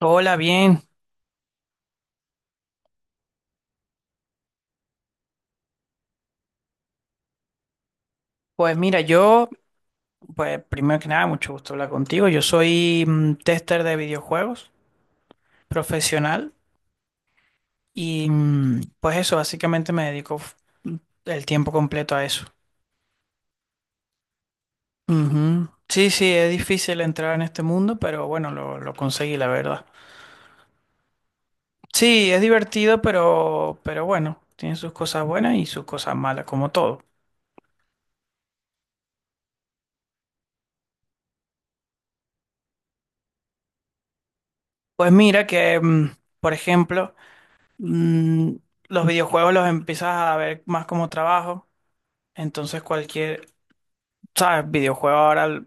Hola, bien. Pues mira, yo, pues primero que nada, mucho gusto hablar contigo. Yo soy tester de videojuegos profesional y pues eso, básicamente me dedico mm, el tiempo completo a eso. Ujú. Sí, sí, es difícil entrar en este mundo, pero bueno, lo conseguí, la verdad. Sí, es divertido, pero bueno, tiene sus cosas buenas y sus cosas malas, como todo. Pues mira que, por ejemplo, mm, los videojuegos los empiezas a ver más como trabajo. Entonces cualquier, ¿sabes? Videojuego ahora l-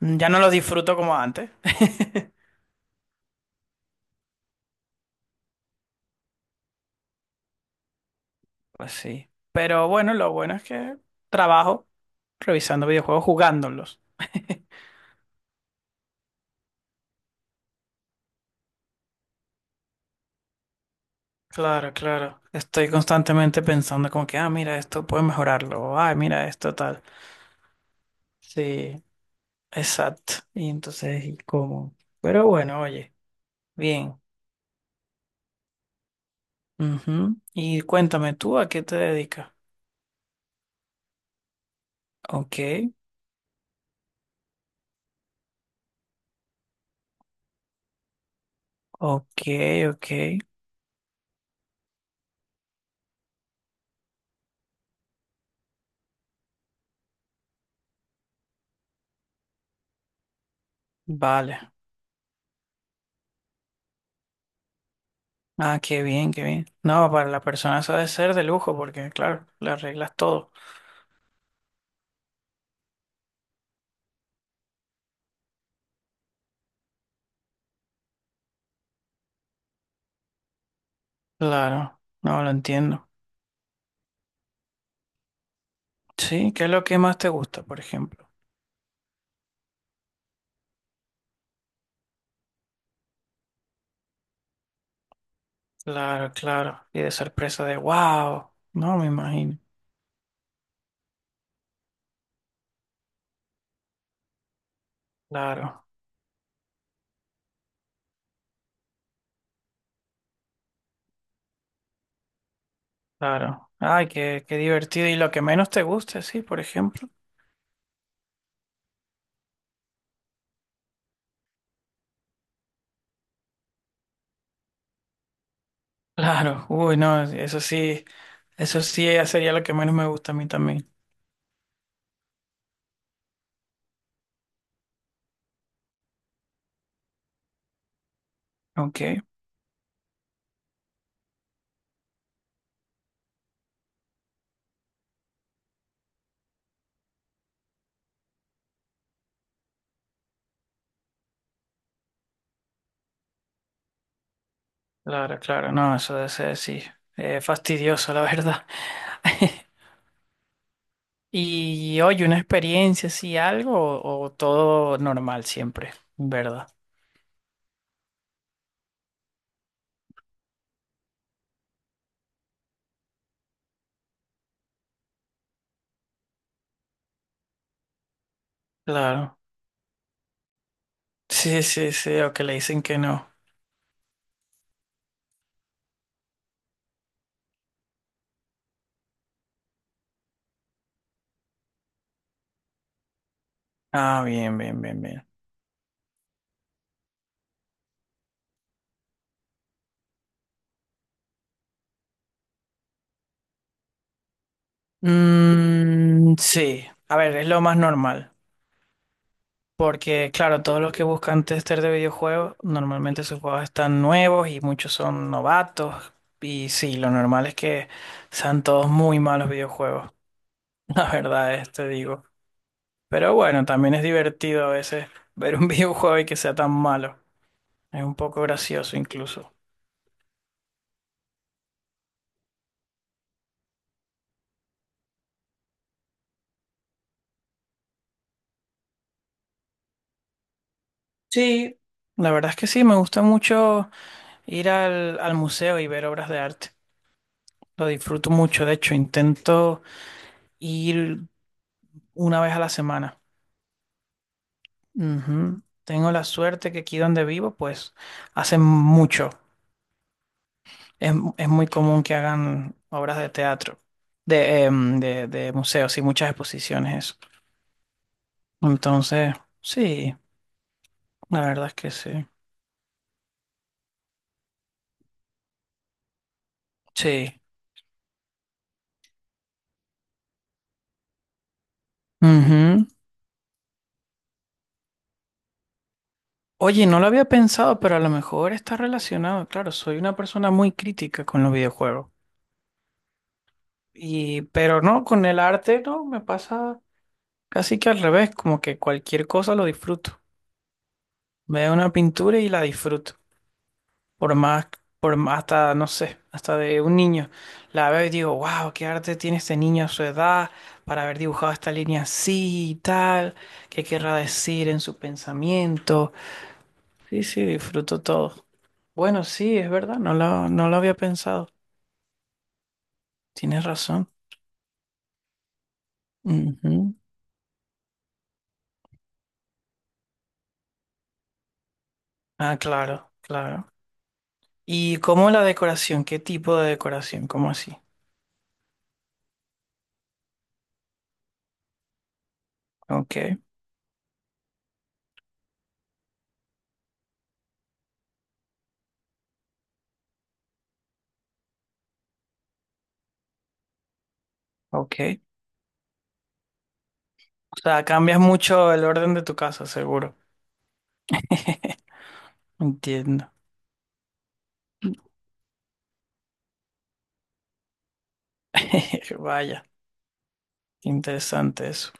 ya no lo disfruto como antes. Pues sí. Pero bueno, lo bueno es que trabajo revisando videojuegos, jugándolos. Claro, claro. Estoy constantemente pensando como que, ah, mira, esto puedo mejorarlo. O, ah, mira, esto tal. Sí, exacto. Y entonces, ¿y cómo? Pero bueno, oye, bien. Ujú. Y cuéntame tú, ¿a qué te dedicas? Ok, ok, ok. Vale. Ah, qué bien, qué bien. No, para la persona eso debe ser de lujo porque, claro, le arreglas todo. Claro, no lo entiendo. Sí, ¿qué es lo que más te gusta, por ejemplo? Claro, claro. Y de sorpresa de wow. No, me imagino. Claro, claro. Ay, qué, qué divertido. Y lo que menos te gusta, sí, por ejemplo. Claro, uy, no, eso sí sería lo que menos me gusta a mí también. Ok, claro, claro. No, eso debe ser, sí, fastidioso, la verdad. Y oye, una experiencia así, algo o todo normal siempre, ¿verdad? Claro. Sí, sí, sí, o que le dicen que no. Ah, bien, bien, bien, bien. Mm, sí, a ver, es lo más normal. Porque, claro, todos los que buscan tester de videojuegos, normalmente sus juegos están nuevos y muchos son novatos. Y sí, lo normal es que sean todos muy malos videojuegos. La verdad es, te digo. Pero bueno, también es divertido a veces ver un videojuego y que sea tan malo. Es un poco gracioso incluso. Sí, la verdad es que sí, me gusta mucho ir al, al museo y ver obras de arte. Lo disfruto mucho, de hecho, intento ir una vez a la semana. Ujú. Tengo la suerte que aquí donde vivo, pues hacen mucho. Es muy común que hagan obras de teatro, de, de museos y muchas exposiciones, eso. Entonces, sí. La verdad es que sí. Sí. Ujú. Oye, no lo había pensado, pero a lo mejor está relacionado. Claro, soy una persona muy crítica con los videojuegos. Y, pero no, con el arte no, me pasa casi que al revés, como que cualquier cosa lo disfruto. Veo una pintura y la disfruto. Por más, por más hasta, no sé, hasta de un niño. La veo y digo, wow, qué arte tiene este niño a su edad para haber dibujado esta línea así y tal. ¿Qué querrá decir en su pensamiento? Sí, sí, disfruto todo. Bueno, sí, es verdad, no lo, no lo había pensado. Tienes razón. Ujú. Ah, claro, claro. ¿Y cómo la decoración? ¿Qué tipo de decoración? ¿Cómo así? Ok, ok. O sea, cambias mucho el orden de tu casa, seguro. Entiendo. Vaya, qué interesante eso.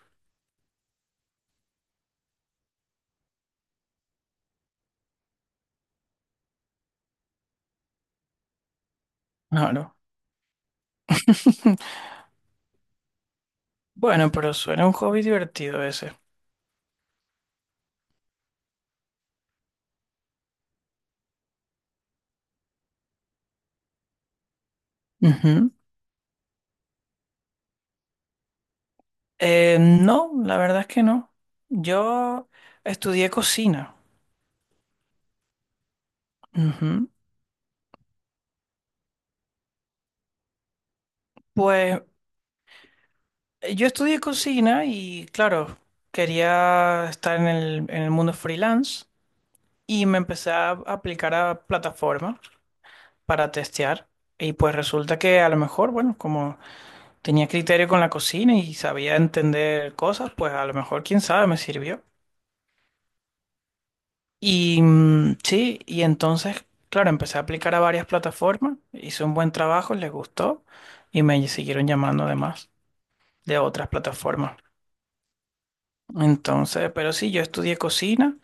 Claro. Bueno, pero suena un hobby divertido ese. Ujú. No, la verdad es que no. Yo estudié cocina. Ujú. Pues yo estudié cocina y claro, quería estar en el mundo freelance y me empecé a aplicar a plataformas para testear. Y pues resulta que a lo mejor, bueno, como tenía criterio con la cocina y sabía entender cosas, pues a lo mejor, quién sabe, me sirvió. Y sí, y entonces, claro, empecé a aplicar a varias plataformas, hice un buen trabajo, les gustó y me siguieron llamando además de otras plataformas. Entonces, pero sí, yo estudié cocina,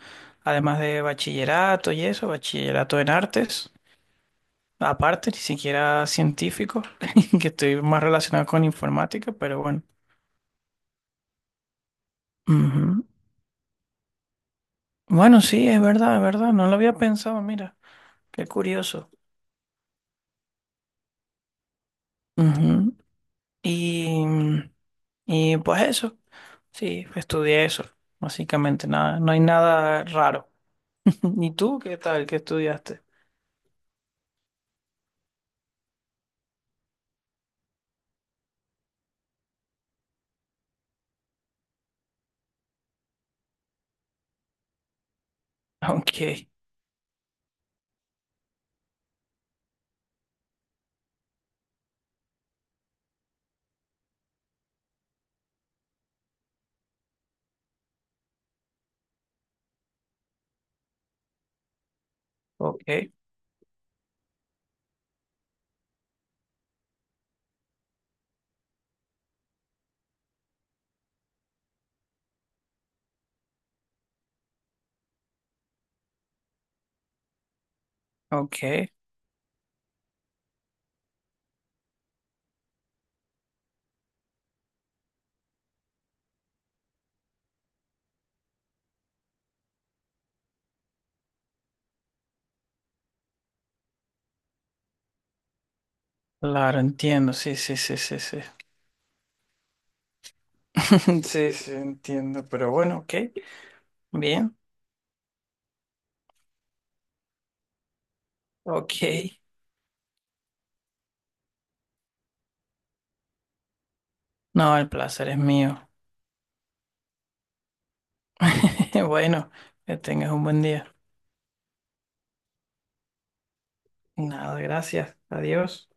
además de bachillerato y eso, bachillerato en artes, aparte, ni siquiera científico, que estoy más relacionado con informática, pero bueno. Ujú. Bueno, sí, es verdad, no lo había pensado, mira, qué curioso. Ujú. Y, y pues eso, sí, estudié eso, básicamente, nada, no hay nada raro. ¿Y tú qué tal? ¿Qué estudiaste? Ok, ok, ok. Claro, entiendo, sí, sí, sí, sí, sí. Sí, sí, entiendo, pero bueno, ok. Bien, ok. No, el placer es mío. Bueno, que tengas un buen día. Nada, gracias. Adiós.